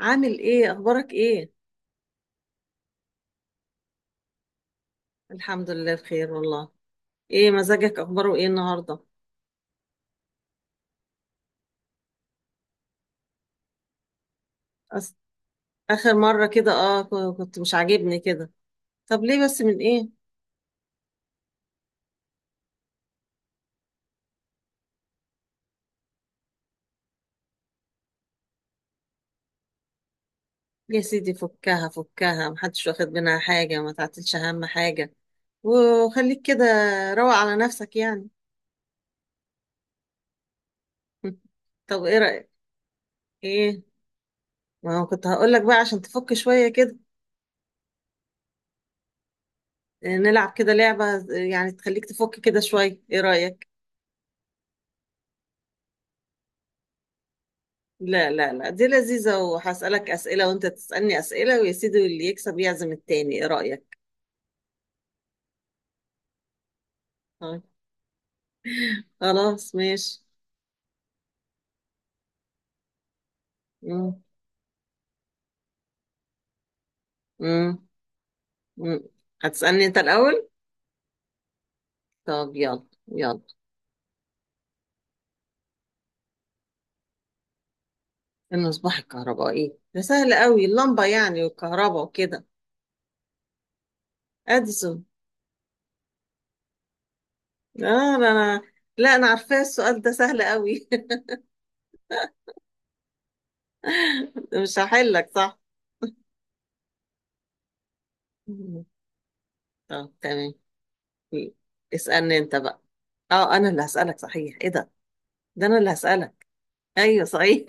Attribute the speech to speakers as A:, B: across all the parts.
A: عامل ايه؟ اخبارك ايه؟ الحمد لله بخير والله. ايه مزاجك؟ اخباره ايه النهارده؟ أس... اخر مره كده كنت مش عاجبني كده. طب ليه بس؟ من ايه؟ يا سيدي فكها فكها، محدش واخد منها حاجه، ما تعتلش اهم حاجه. وخليك كده. روق على نفسك يعني. طب ايه رايك؟ ايه؟ ما هو كنت هقول لك بقى عشان تفك شويه كده. نلعب كده لعبه، يعني تخليك تفك كده شويه، ايه رايك؟ لا لا لا، دي لذيذة، وهسألك أسئلة وأنت تسألني أسئلة، ويا سيدي اللي يكسب يعزم التاني، إيه رأيك؟ طيب. خلاص ماشي. مم. مم. مم. هتسألني أنت الأول؟ طب يلا يلا. المصباح الكهربائي ده سهل قوي، اللمبة يعني والكهرباء وكده. أديسون. آه. أنا. لا أنا عارفاه، السؤال ده سهل قوي. مش هحلك صح؟ مم. طب تمام. اسألني أنت بقى. اه انا اللي هسألك، صحيح ايه ده، ده انا اللي هسألك. ايوه صحيح.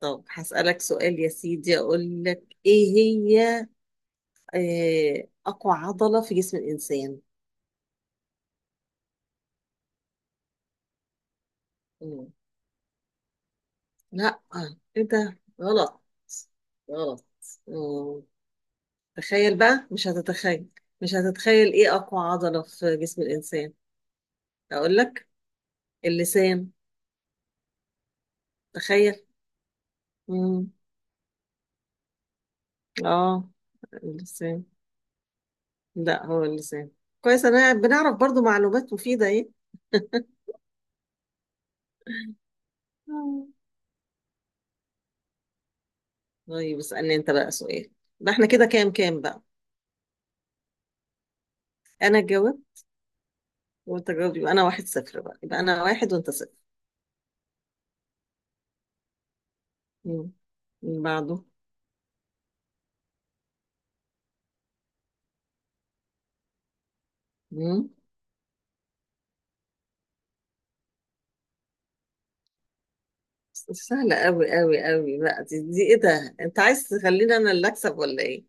A: طب هسألك سؤال يا سيدي، أقول لك إيه هي أقوى عضلة في جسم الإنسان؟ مم. لا. إيه ده، غلط. غلط. مم. تخيل بقى، مش هتتخيل. مش هتتخيل إيه أقوى عضلة في جسم الإنسان. أقول لك. اللسان. تخيل. مم. آه، اللسان. لا هو اللسان. كويس، أنا بنعرف برضو معلومات مفيدة، إيه. مم. طيب اسألني أنت بقى سؤال. ده إحنا كده كام كام بقى؟ أنا اتجاوبت وانت جاوب، يبقى انا واحد صفر، بقى يبقى انا واحد وانت صفر. مم. من بعده. مم. بس سهلة قوي قوي قوي بقى، دي ايه ده، انت عايز تخليني انا اللي اكسب ولا ايه؟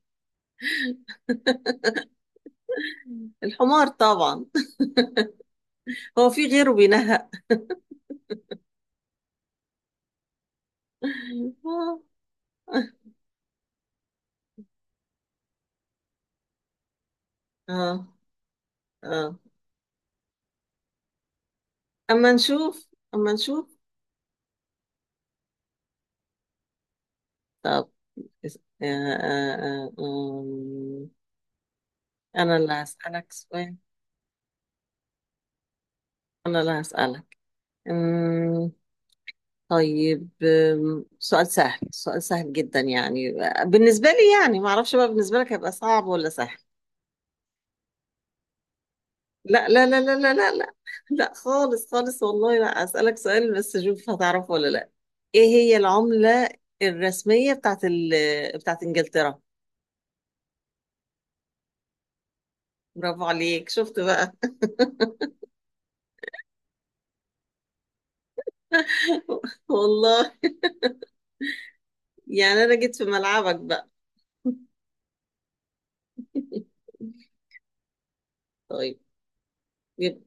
A: الحمار طبعا. هو في غيره بينهق؟ اه. اه اه. اما نشوف اما نشوف. طب آه آه آه آم، انا اللي هسألك سؤال. انا اللي هسألك. طيب سؤال سهل، سؤال سهل جدا يعني بالنسبة لي، يعني ما اعرفش بقى بالنسبة لك هيبقى صعب ولا سهل. لا لا لا لا لا لا لا. لا خالص خالص والله، لا أسألك سؤال بس، شوف هتعرفه ولا لا. ايه هي العملة الرسمية بتاعت بتاعت انجلترا؟ برافو عليك، شفت بقى. والله. يعني انا جيت في ملعبك بقى. طيب، يبقى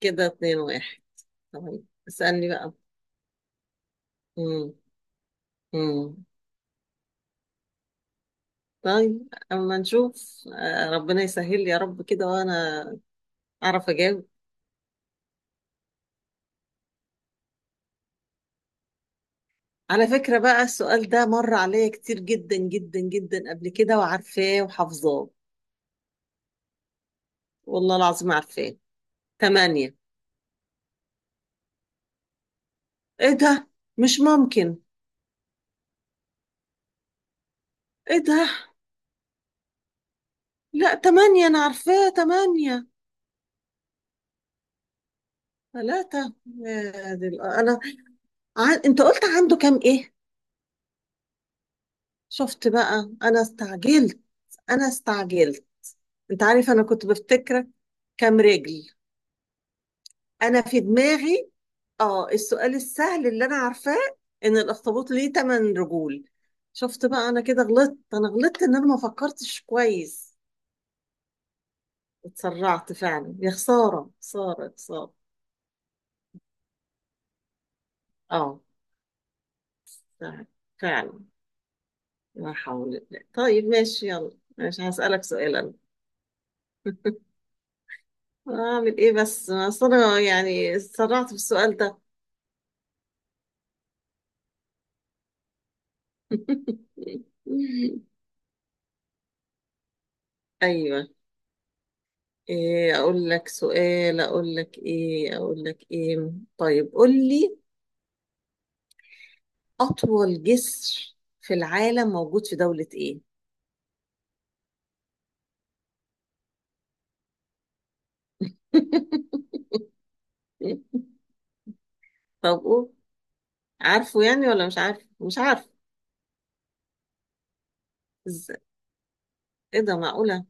A: كده اتنين واحد. طيب اسألني بقى. امم. طيب اما نشوف، ربنا يسهل يا رب كده، وانا اعرف اجاوب. على فكرة بقى، السؤال ده مر عليا كتير جدا جدا جدا قبل كده، وعارفاه وحافظاه، والله العظيم عارفاه. تمانية. ايه ده؟ مش ممكن. ايه ده؟ لا تمانية، انا عارفاه تمانية. ثلاثة؟ يا دي انا انت قلت عنده كام ايه؟ شفت بقى، انا استعجلت. انا استعجلت. انت عارف انا كنت بفتكرك. كام رجل. انا في دماغي اه السؤال السهل اللي انا عارفاه، ان الاخطبوط ليه تمن رجول. شفت بقى، انا كده غلطت، انا غلطت ان انا ما فكرتش كويس. اتسرعت فعلا، يا خسارة خسارة خسارة. اه فعلا فعلا. لا حول الله. طيب ماشي يلا. ماشي هسألك سؤال انا. اعمل ايه بس، اصل انا يعني اتسرعت في السؤال ده. ايوه. ايه اقول لك سؤال، اقول لك ايه، اقول لك ايه. طيب قول لي، أطول جسر في العالم موجود في دولة إيه؟ طب قول، عارفه يعني ولا مش عارف؟ مش عارف. إز- إيه ده، معقولة؟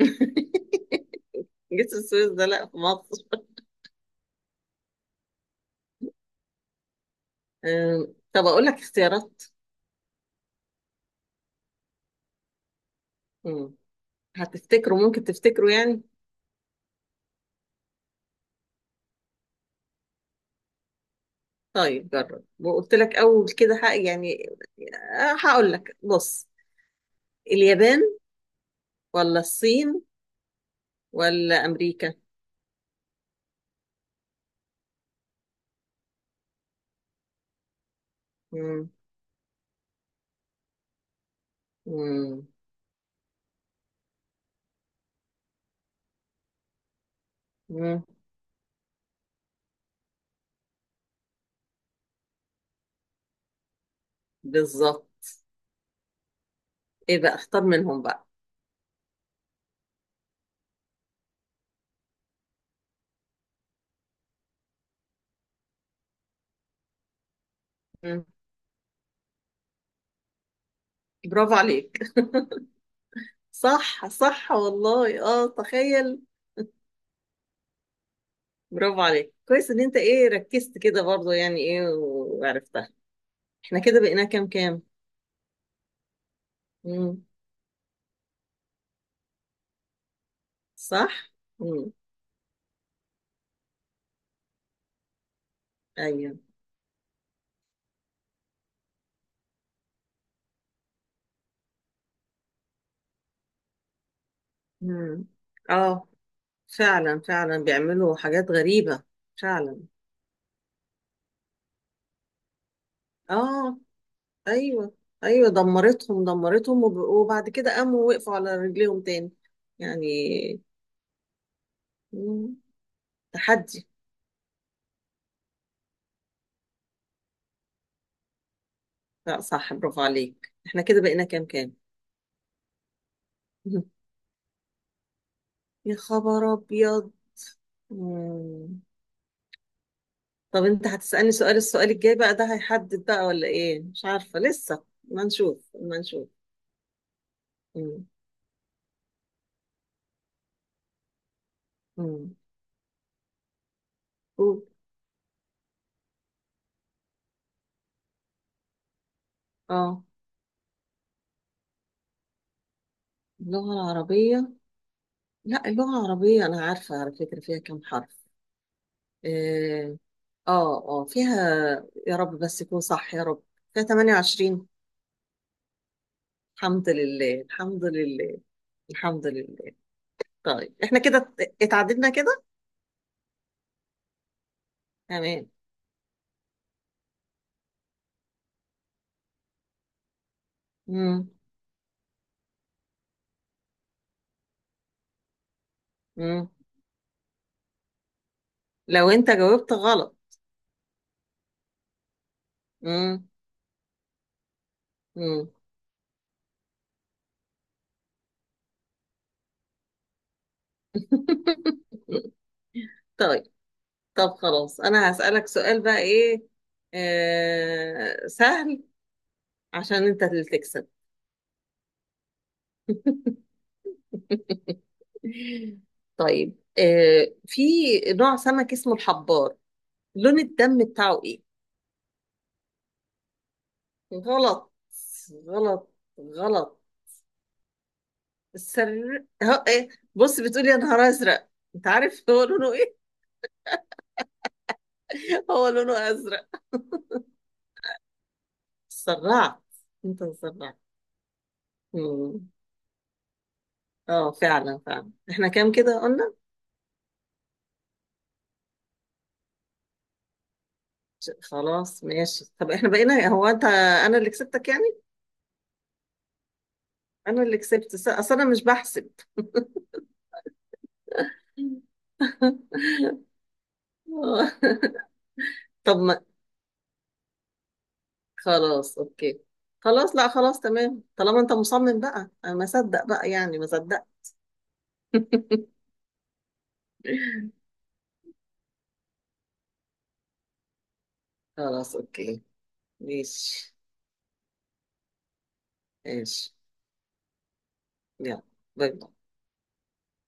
A: جسر السويس ده؟ لأ، في مصر. طب أقول لك اختيارات. مم. هتفتكره؟ ممكن تفتكره يعني؟ طيب جرب، وقلت لك أول كده حق يعني، هقول لك بص، اليابان ولا الصين ولا أمريكا؟ مم. مم. مم. بالظبط. إيه بقى، اختار منهم. بقى برافو عليك. صح صح والله، تخيل. برافو عليك، كويس ان انت ايه ركزت كده برضه يعني، ايه وعرفتها. احنا كده بقينا كام كام؟ امم. صح. امم. ايوه. امم. اه فعلا فعلا، بيعملوا حاجات غريبة. فعلا. اه. ايوه. ايوه دمرتهم دمرتهم، وبعد كده قاموا، وقفوا على رجليهم تاني يعني. مم. تحدي. لا صح، برافو عليك. احنا كده بقينا كام كام؟ يا خبر ابيض. مم. طب انت هتسألني سؤال، السؤال الجاي بقى ده هيحدد بقى ولا ايه، مش عارفة لسه، ما نشوف ما نشوف. مم. مم. قول. اه. اللغة العربية. لا، اللغة العربية انا عارفة على فكرة فيها كم حرف. اه فيها، يا رب بس يكون صح يا رب، فيها 28. الحمد لله الحمد لله. الحمد لله. طيب احنا كده اتعددنا كده. تمام. مم. مم. لو انت جاوبت غلط. مم. مم. طيب. طب خلاص انا هسألك سؤال بقى ايه، آه سهل، عشان انت اللي تكسب. طيب في نوع سمك اسمه الحبار، لون الدم بتاعه ايه؟ غلط. غلط. غلط. السر هو ايه؟ بص بتقولي يا نهار ازرق، انت عارف هو لونه ايه؟ هو لونه ازرق. اتسرعت. انت اتسرعت. اه فعلا فعلا، احنا كام كده قلنا؟ خلاص ماشي. طب احنا بقينا، هو انت انا اللي كسبتك يعني؟ انا اللي كسبت اصل انا مش بحسب. آه. طب ما خلاص اوكي. خلاص، لا خلاص تمام، طالما انت مصمم بقى انا ما اصدق بقى يعني، ما اصدق. خلاص اوكي. ماشي. ماشي. يلا. باي.